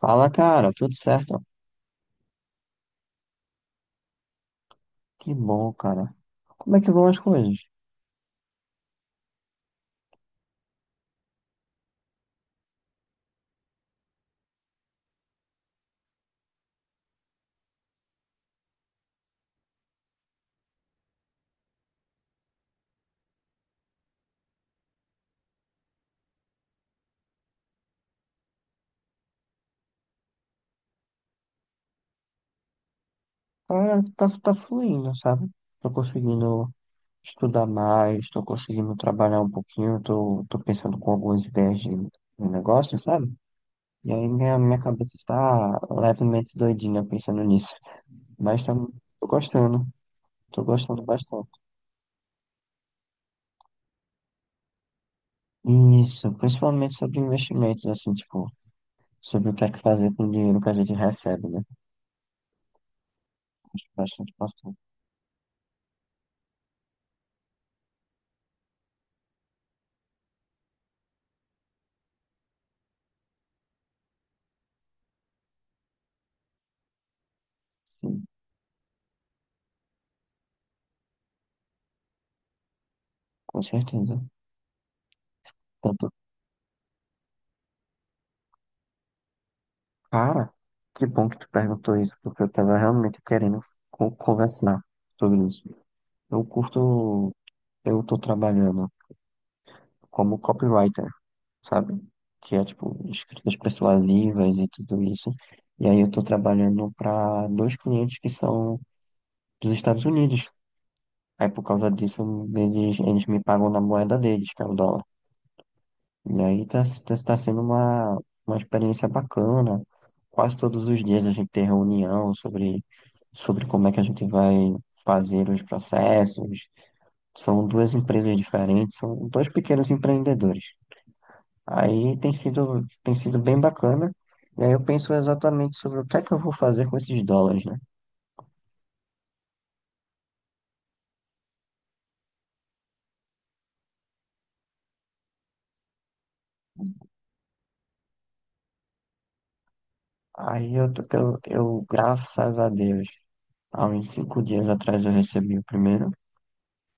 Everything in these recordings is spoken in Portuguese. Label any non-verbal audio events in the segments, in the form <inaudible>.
Fala, cara, tudo certo? Que bom, cara. Como é que vão as coisas? Cara, tá, tá fluindo, sabe? Tô conseguindo estudar mais, tô conseguindo trabalhar um pouquinho, tô pensando com algumas ideias de negócio, sabe? E aí minha cabeça está levemente doidinha pensando nisso. Mas tá, tô gostando, tô gostando bastante. Isso, principalmente sobre investimentos, assim, tipo, sobre o que é que fazer com o dinheiro que a gente recebe, né? Acho bastante importante, sim, com certeza. Cara, que bom que tu perguntou isso, porque eu tava realmente querendo conversar sobre isso. Eu curto, eu tô trabalhando como copywriter, sabe? Que é tipo escritas persuasivas e tudo isso. E aí eu tô trabalhando para dois clientes que são dos Estados Unidos. Aí por causa disso, eles me pagam na moeda deles, que é o dólar. E aí tá sendo uma experiência bacana. Quase todos os dias a gente tem reunião sobre, sobre como é que a gente vai fazer os processos. São duas empresas diferentes, são dois pequenos empreendedores. Aí tem sido bem bacana. E aí eu penso exatamente sobre o que é que eu vou fazer com esses dólares, né? Aí eu, tô- eu, graças a Deus, há uns 5 dias atrás eu recebi o primeiro,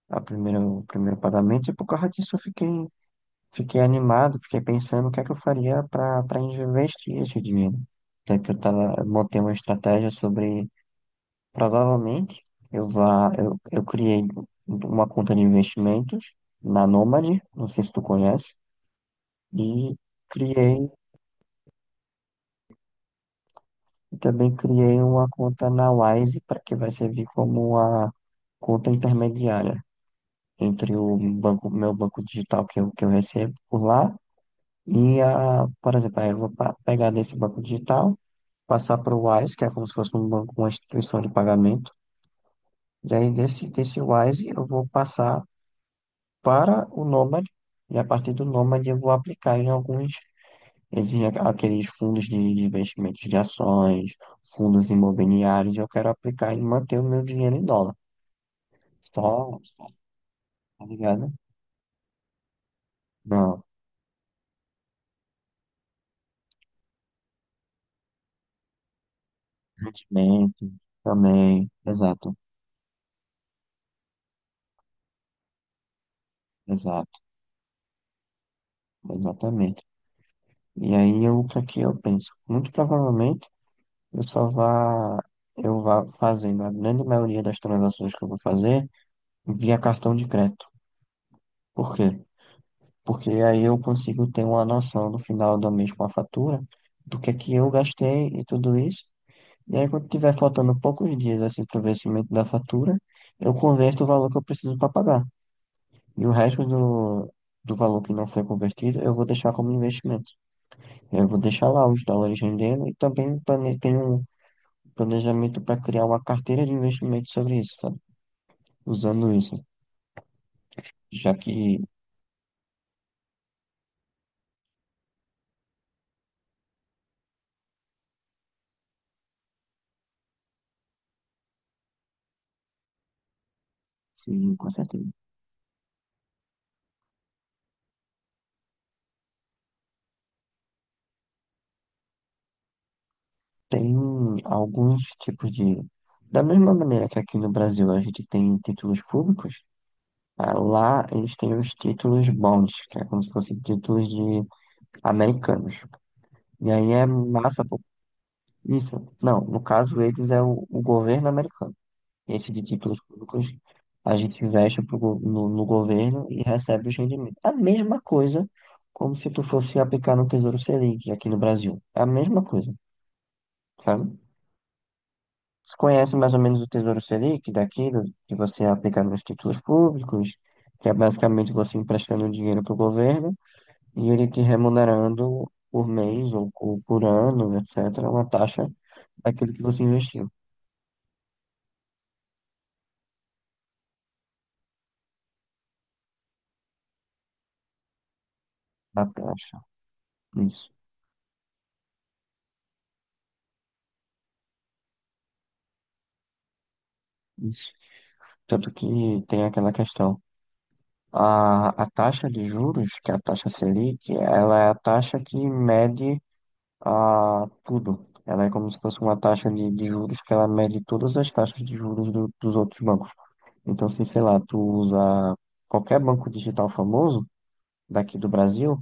a primeira, o primeiro pagamento e por causa disso eu fiquei. Fiquei animado, fiquei pensando o que é que eu faria para investir esse dinheiro. Até que eu tava, eu montei uma estratégia sobre, provavelmente, eu criei uma conta de investimentos na Nomad, não sei se tu conhece, e criei, e também criei uma conta na Wise, para que vai servir como uma conta intermediária entre o banco, meu banco digital que eu recebo por lá. E, a, por exemplo, aí eu vou pegar desse banco digital, passar para o Wise, que é como se fosse um banco, uma instituição de pagamento. E aí desse Wise eu vou passar para o Nomad, e a partir do Nomad eu vou aplicar em alguns, exige aqueles fundos de investimentos de ações, fundos imobiliários, eu quero aplicar e manter o meu dinheiro em dólar. Só, só, tá ligado? Não, rendimento também, exato, exato, exatamente. E aí eu, o que é que eu penso? Muito provavelmente eu só vá, eu vá fazendo a grande maioria das transações que eu vou fazer via cartão de crédito. Por quê? Porque aí eu consigo ter uma noção no final do mês com a fatura do que é que eu gastei e tudo isso. E aí quando tiver faltando poucos dias assim para o vencimento da fatura, eu converto o valor que eu preciso para pagar. E o resto do valor que não foi convertido, eu vou deixar como investimento. Eu vou deixar lá os dólares rendendo e também tenho planejamento para criar uma carteira de investimento sobre isso, sabe? Usando isso, já que, sim, com certeza, tem alguns tipos de. Da mesma maneira que aqui no Brasil a gente tem títulos públicos, ah, lá eles têm os títulos bonds, que é como se fossem títulos de americanos. E aí é massa, pô. Isso. Não, no caso eles é o governo americano. Esse de títulos públicos, a gente investe pro go- no, no governo e recebe os rendimentos. A mesma coisa como se tu fosse aplicar no Tesouro Selic aqui no Brasil. É a mesma coisa, sabe? Você conhece mais ou menos o Tesouro Selic daqui, que você aplica nos títulos públicos, que é basicamente você emprestando dinheiro para o governo e ele te remunerando por mês ou por ano, etc., uma taxa daquilo que você investiu. A taxa, isso, isso. Tanto que tem aquela questão. A taxa de juros, que é a taxa Selic, ela é a taxa que mede a, tudo. Ela é como se fosse uma taxa de juros que ela mede todas as taxas de juros dos outros bancos. Então, se, sei lá, tu usa qualquer banco digital famoso daqui do Brasil,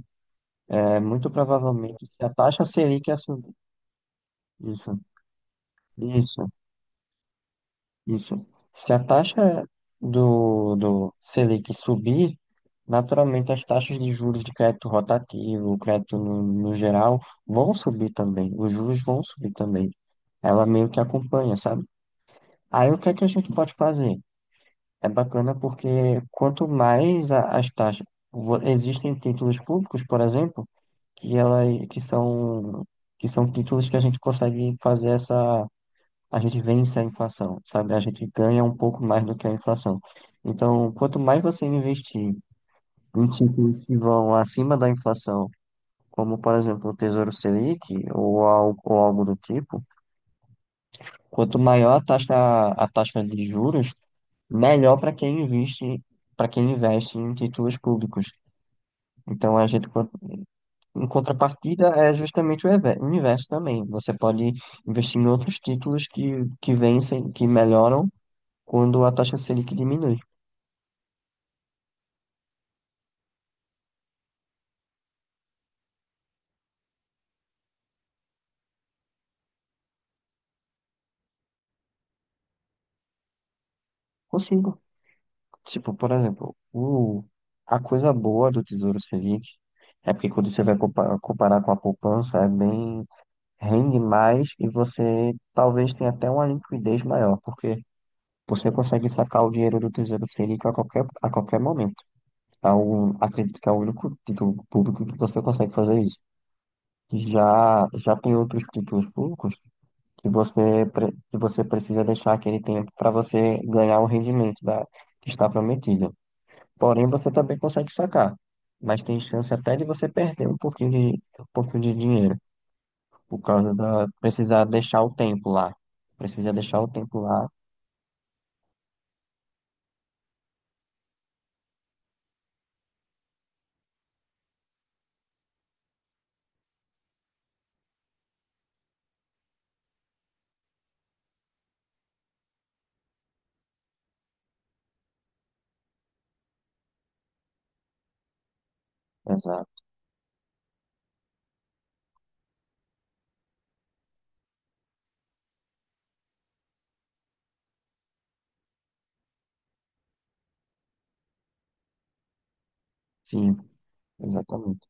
é muito provavelmente se a taxa Selic é subir. Isso, isso. Isso. Se a taxa do Selic subir, naturalmente as taxas de juros de crédito rotativo, crédito no geral, vão subir também. Os juros vão subir também. Ela meio que acompanha, sabe? Aí o que é que a gente pode fazer? É bacana porque quanto mais as taxas. Existem títulos públicos, por exemplo, que, ela, que são, que são títulos que a gente consegue fazer essa a gente vence a inflação, sabe? A gente ganha um pouco mais do que a inflação. Então, quanto mais você investir em títulos que vão acima da inflação, como por exemplo o Tesouro Selic ou algo do tipo, quanto maior a taxa de juros, melhor para quem investe em títulos públicos. Então, a gente, em contrapartida, é justamente o o inverso também. Você pode investir em outros títulos que vencem, que melhoram quando a taxa Selic diminui. Consigo. Tipo, por exemplo, a coisa boa do Tesouro Selic é porque quando você vai comparar com a poupança, é bem, rende mais e você talvez tenha até uma liquidez maior, porque você consegue sacar o dinheiro do Tesouro Selic a qualquer momento. É o, acredito que é o único título público que você consegue fazer isso. Já tem outros títulos públicos que que você precisa deixar aquele tempo para você ganhar o rendimento da, que está prometido. Porém, você também consegue sacar. Mas tem chance até de você perder um pouquinho de dinheiro. Por causa da. Precisar deixar o tempo lá. Precisa deixar o tempo lá. Exato. Sim, exatamente.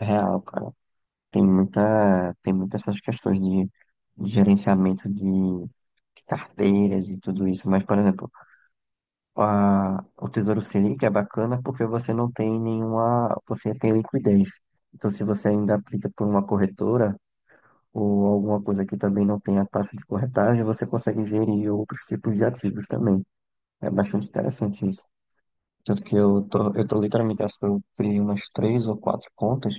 É real, cara. Tem muita. Tem muitas essas questões de gerenciamento de carteiras e tudo isso. Mas, por exemplo, a, o Tesouro Selic é bacana porque você não tem nenhuma. Você tem liquidez. Então, se você ainda aplica por uma corretora ou alguma coisa que também não tenha taxa de corretagem, você consegue gerir outros tipos de ativos também. É bastante interessante isso. Tanto que eu tô literalmente, acho que eu criei umas 3 ou 4 contas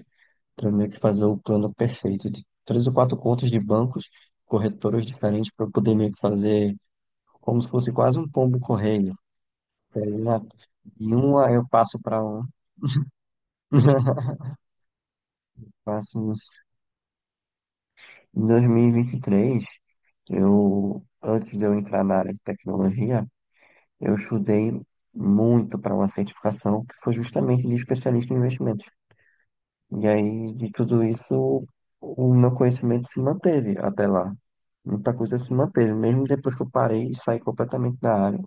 para meio que fazer o plano perfeito de 3 ou 4 contas de bancos, corretoras diferentes para poder meio que fazer como se fosse quase um pombo-correio. E aí uma em uma eu passo para um. <laughs> Faço isso. Em 2023, eu, antes de eu entrar na área de tecnologia, eu estudei muito para uma certificação que foi justamente de especialista em investimentos. E aí, de tudo isso, o meu conhecimento se manteve até lá. Muita coisa se manteve, mesmo depois que eu parei e saí completamente da área.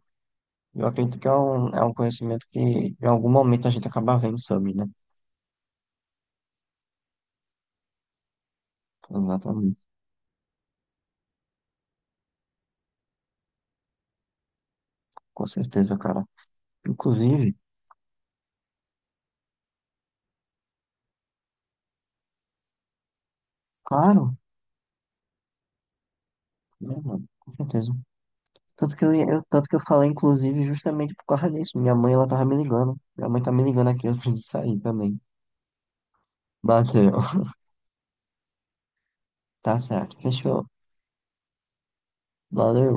Eu acredito que é um conhecimento que em algum momento a gente acaba vendo sobre, né? Exatamente, com certeza, cara. Inclusive, claro, né, mano? Com certeza. Tanto que eu, tanto que eu falei, inclusive, justamente por causa disso. Minha mãe, ela tava me ligando. Minha mãe tá me ligando aqui, eu preciso sair também. Bateu. <laughs> Tá certo. Fechou. Valeu.